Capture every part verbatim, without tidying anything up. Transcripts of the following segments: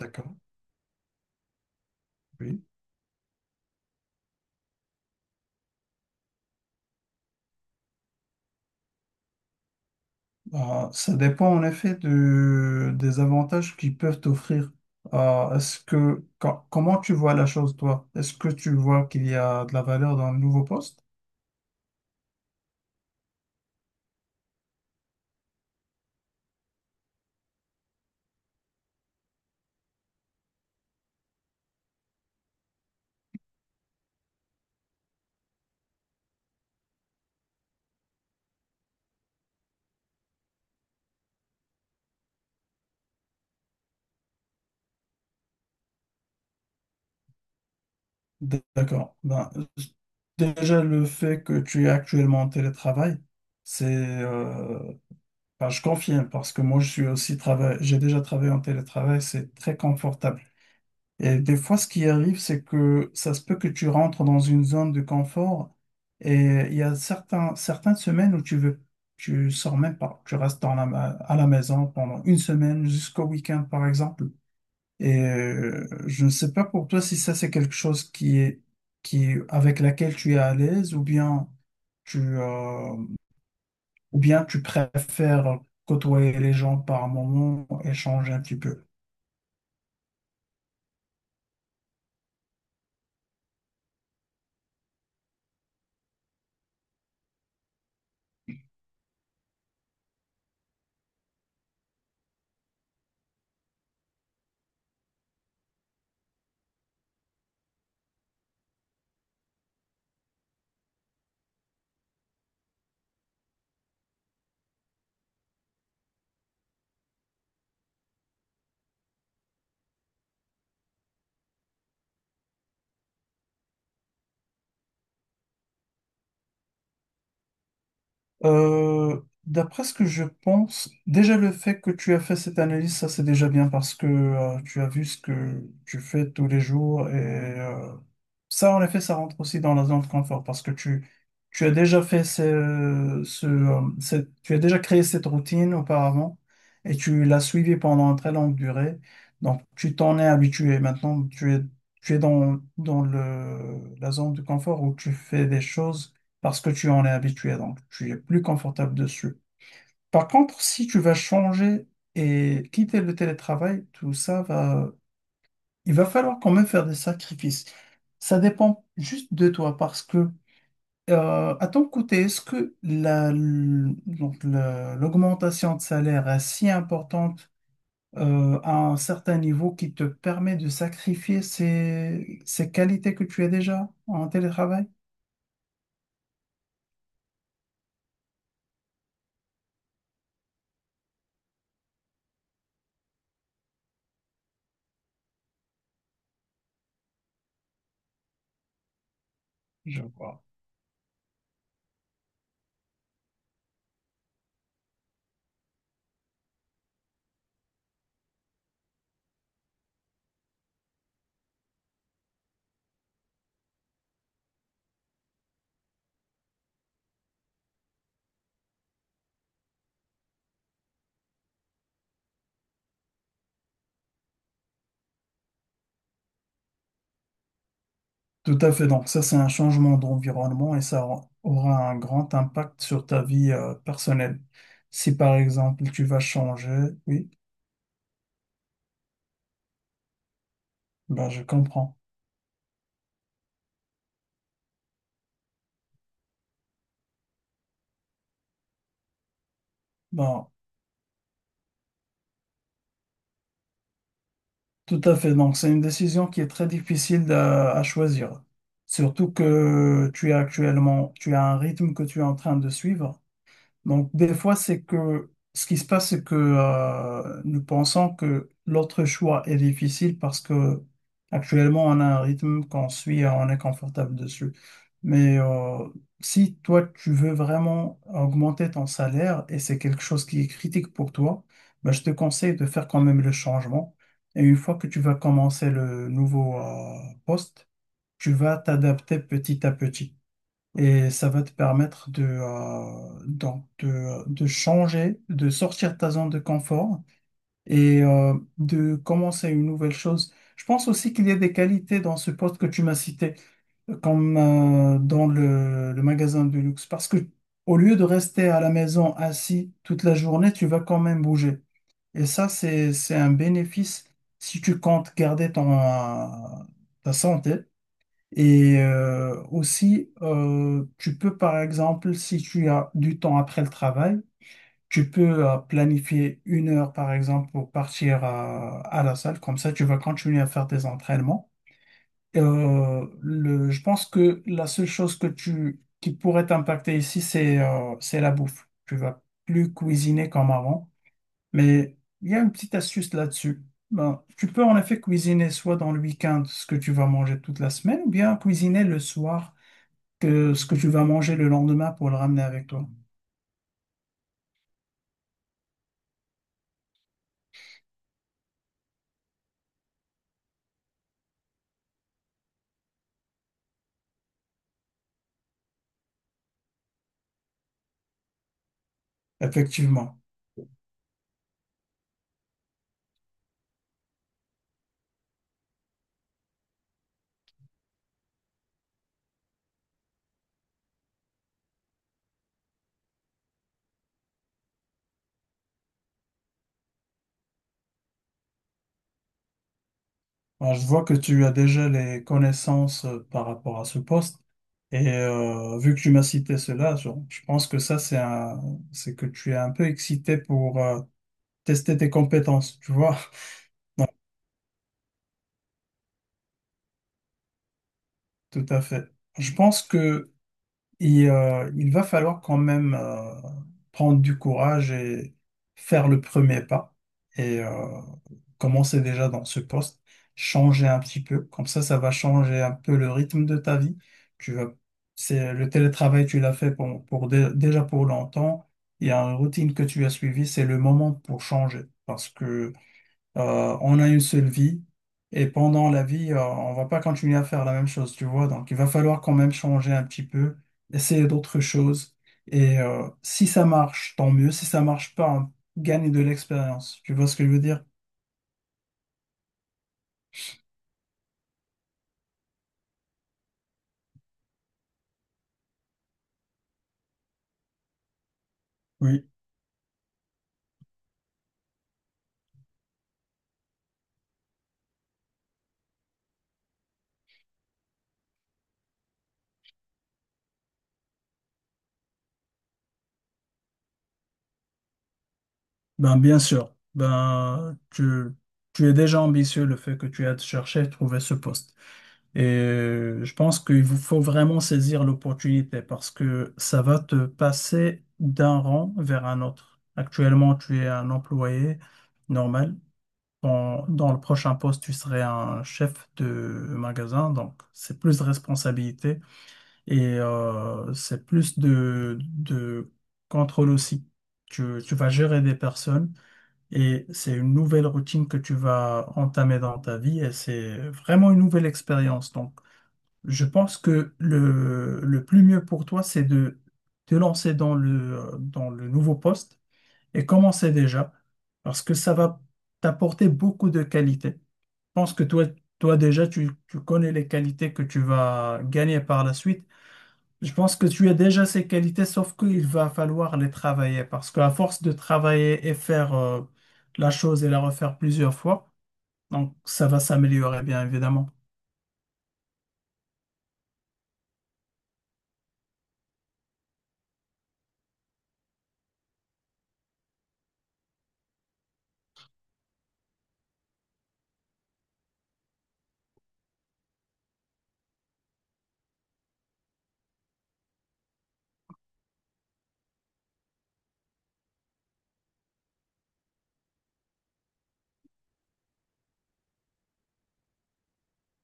D'accord, oui. Euh, ça dépend en effet de- des avantages qu'ils peuvent t'offrir. Euh, est-ce que, co- comment tu vois la chose, toi? Est-ce que tu vois qu'il y a de la valeur dans le nouveau poste? D'accord. Ben, déjà, le fait que tu es actuellement en télétravail, c'est, euh, ben, je confirme parce que moi, je suis aussi travail, j'ai déjà travaillé en télétravail, c'est très confortable. Et des fois, ce qui arrive, c'est que ça se peut que tu rentres dans une zone de confort et il y a certains, certaines semaines où tu veux, tu sors même pas, tu restes dans la, ma- à la maison pendant une semaine jusqu'au week-end, par exemple. Et euh, je ne sais pas pour toi si ça, c'est quelque chose qui est, qui, avec laquelle tu es à l'aise ou bien tu, euh, ou bien tu préfères côtoyer les gens par moment, échanger un petit peu. Euh, d'après ce que je pense, déjà le fait que tu as fait cette analyse, ça c'est déjà bien parce que euh, tu as vu ce que tu fais tous les jours et euh, ça en effet ça rentre aussi dans la zone de confort parce que tu, tu as déjà fait ce, ce, euh, cette- tu as déjà créé cette routine auparavant et tu l'as suivie pendant une très longue durée. Donc tu t'en es habitué. Maintenant tu es, tu es dans, dans le, la zone de confort où tu fais des choses parce que tu en es habitué, donc tu es plus confortable dessus. Par contre, si tu vas changer et quitter le télétravail, tout ça va... Il va falloir quand même faire des sacrifices. Ça dépend juste de toi parce que, euh, à ton côté, est-ce que la, donc la- l'augmentation de salaire est si importante euh, à un certain niveau qui te permet de sacrifier ces, ces qualités que tu as déjà en télétravail? Je vois. Tout à fait. Donc ça, c'est un changement d'environnement et ça aura un grand impact sur ta vie, euh, personnelle. Si par exemple, tu vas changer, oui. Ben, je comprends. Ben, tout à fait. Donc, c'est une décision qui est très difficile à, à choisir. Surtout que tu es actuellement, tu as un rythme que tu es en train de suivre. Donc, des fois, c'est que ce qui se passe, c'est que euh, nous pensons que l'autre choix est difficile parce que actuellement, on a un rythme qu'on suit et on est confortable dessus. Mais euh, si toi, tu veux vraiment augmenter ton salaire et c'est quelque chose qui est critique pour toi, ben, je te conseille de faire quand même le changement. Et une fois que tu vas commencer le nouveau euh, poste, tu vas t'adapter petit à petit. Et ça va te permettre de, euh, donc de, de changer, de sortir de ta zone de confort et euh, de commencer une nouvelle chose. Je pense aussi qu'il y a des qualités dans ce poste que tu m'as cité, comme euh, dans le, le magasin de luxe, parce que au lieu de rester à la maison assis toute la journée, tu vas quand même bouger. Et ça, c'est, c'est un bénéfice si tu comptes garder ton, euh, ta santé. Et euh, aussi, euh, tu peux, par exemple, si tu as du temps après le travail, tu peux euh, planifier une heure, par exemple, pour partir à, à la salle. Comme ça, tu vas continuer à faire tes entraînements. Euh, le, je pense que la seule chose que tu, qui pourrait t'impacter ici, c'est euh, c'est la bouffe. Tu vas plus cuisiner comme avant. Mais il y a une petite astuce là-dessus. Ben, tu peux en effet cuisiner soit dans le week-end ce que tu vas manger toute la semaine, ou bien cuisiner le soir que ce que tu vas manger le lendemain pour le ramener avec toi. Effectivement. Alors, je vois que tu as déjà les connaissances euh, par rapport à ce poste. Et euh, vu que tu m'as cité cela, je, je pense que ça, c'est un, c'est que tu es un peu excité pour, euh, tester tes compétences, tu vois. Tout à fait. Je pense que il, euh, il va falloir quand même euh, prendre du courage et faire le premier pas et euh, commencer déjà dans ce poste, changer un petit peu. Comme ça, ça va changer un peu le rythme de ta vie. Tu vas, c'est le télétravail, tu l'as fait pour, pour dé- déjà pour longtemps. Il y a une routine que tu as suivie, c'est le moment pour changer parce que Euh, on a une seule vie et pendant la vie, euh, on va pas continuer à faire la même chose, tu vois. Donc, il va falloir quand même changer un petit peu, essayer d'autres choses. Et euh, si ça marche, tant mieux. Si ça marche pas, on gagne de l'expérience. Tu vois ce que je veux dire? Oui, Ben, bien sûr. Ben, tu, tu es déjà ambitieux le fait que tu aies cherché à trouver ce poste. Et euh, je pense qu'il vous faut vraiment saisir l'opportunité parce que ça va te passer d'un rang vers un autre. Actuellement, tu es un employé normal. Dans, dans le prochain poste, tu serais un chef de magasin, donc c'est plus de responsabilité et euh, c'est plus de, de contrôle aussi. Tu, tu vas gérer des personnes et c'est une nouvelle routine que tu vas entamer dans ta vie et c'est vraiment une nouvelle expérience. Donc, je pense que le, le plus mieux pour toi, c'est de te lancer dans le, euh, dans le nouveau poste et commencer déjà, parce que ça va t'apporter beaucoup de qualités. Je pense que toi, toi déjà, tu, tu connais les qualités que tu vas gagner par la suite. Je pense que tu as déjà ces qualités, sauf qu'il va falloir les travailler, parce qu'à force de travailler et faire euh, la chose et la refaire plusieurs fois, donc ça va s'améliorer, bien évidemment.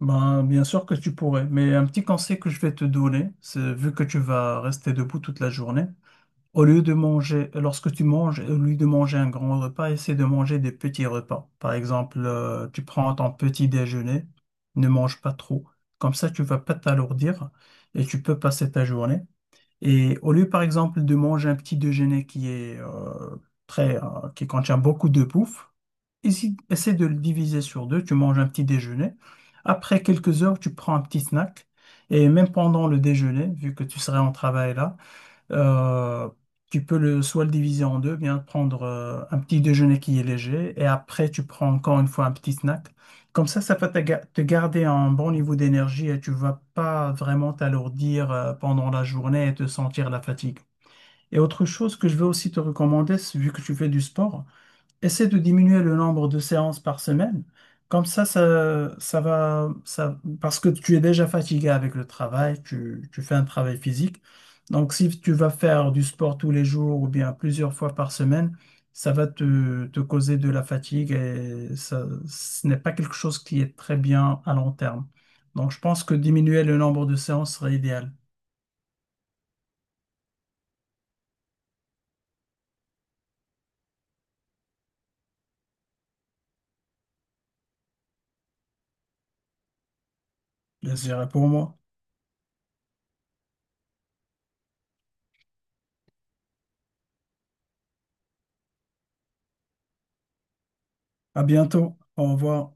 Ben, bien sûr que tu pourrais, mais un petit conseil que je vais te donner, c'est vu que tu vas rester debout toute la journée, au lieu de manger, lorsque tu manges, au lieu de manger un grand repas, essaie de manger des petits repas. Par exemple, euh, tu prends ton petit déjeuner, ne mange pas trop. Comme ça, tu vas pas t'alourdir et tu peux passer ta journée. Et au lieu, par exemple, de manger un petit déjeuner qui est euh, très, euh, qui contient beaucoup de bouffe, Essaie essaie de le diviser sur deux. Tu manges un petit déjeuner. Après quelques heures, tu prends un petit snack. Et même pendant le déjeuner, vu que tu serais en travail là, euh, tu peux le, soit le diviser en deux, bien prendre euh, un petit déjeuner qui est léger. Et après, tu prends encore une fois un petit snack. Comme ça, ça va te, ga- te garder un bon niveau d'énergie et tu vas pas vraiment t'alourdir euh, pendant la journée et te sentir la fatigue. Et autre chose que je veux aussi te recommander, c'est- vu que tu fais du sport, Essaie de diminuer le nombre de séances par semaine. Comme ça, ça, ça va, ça, parce que tu es déjà fatigué avec le travail, tu, tu fais un travail physique. Donc, si tu vas faire du sport tous les jours ou bien plusieurs fois par semaine, ça va te, te causer de la fatigue et ça, ce n'est pas quelque chose qui est très bien à long terme. Donc, je pense que diminuer le nombre de séances serait idéal. Je dirais pour moi. À bientôt. Au revoir.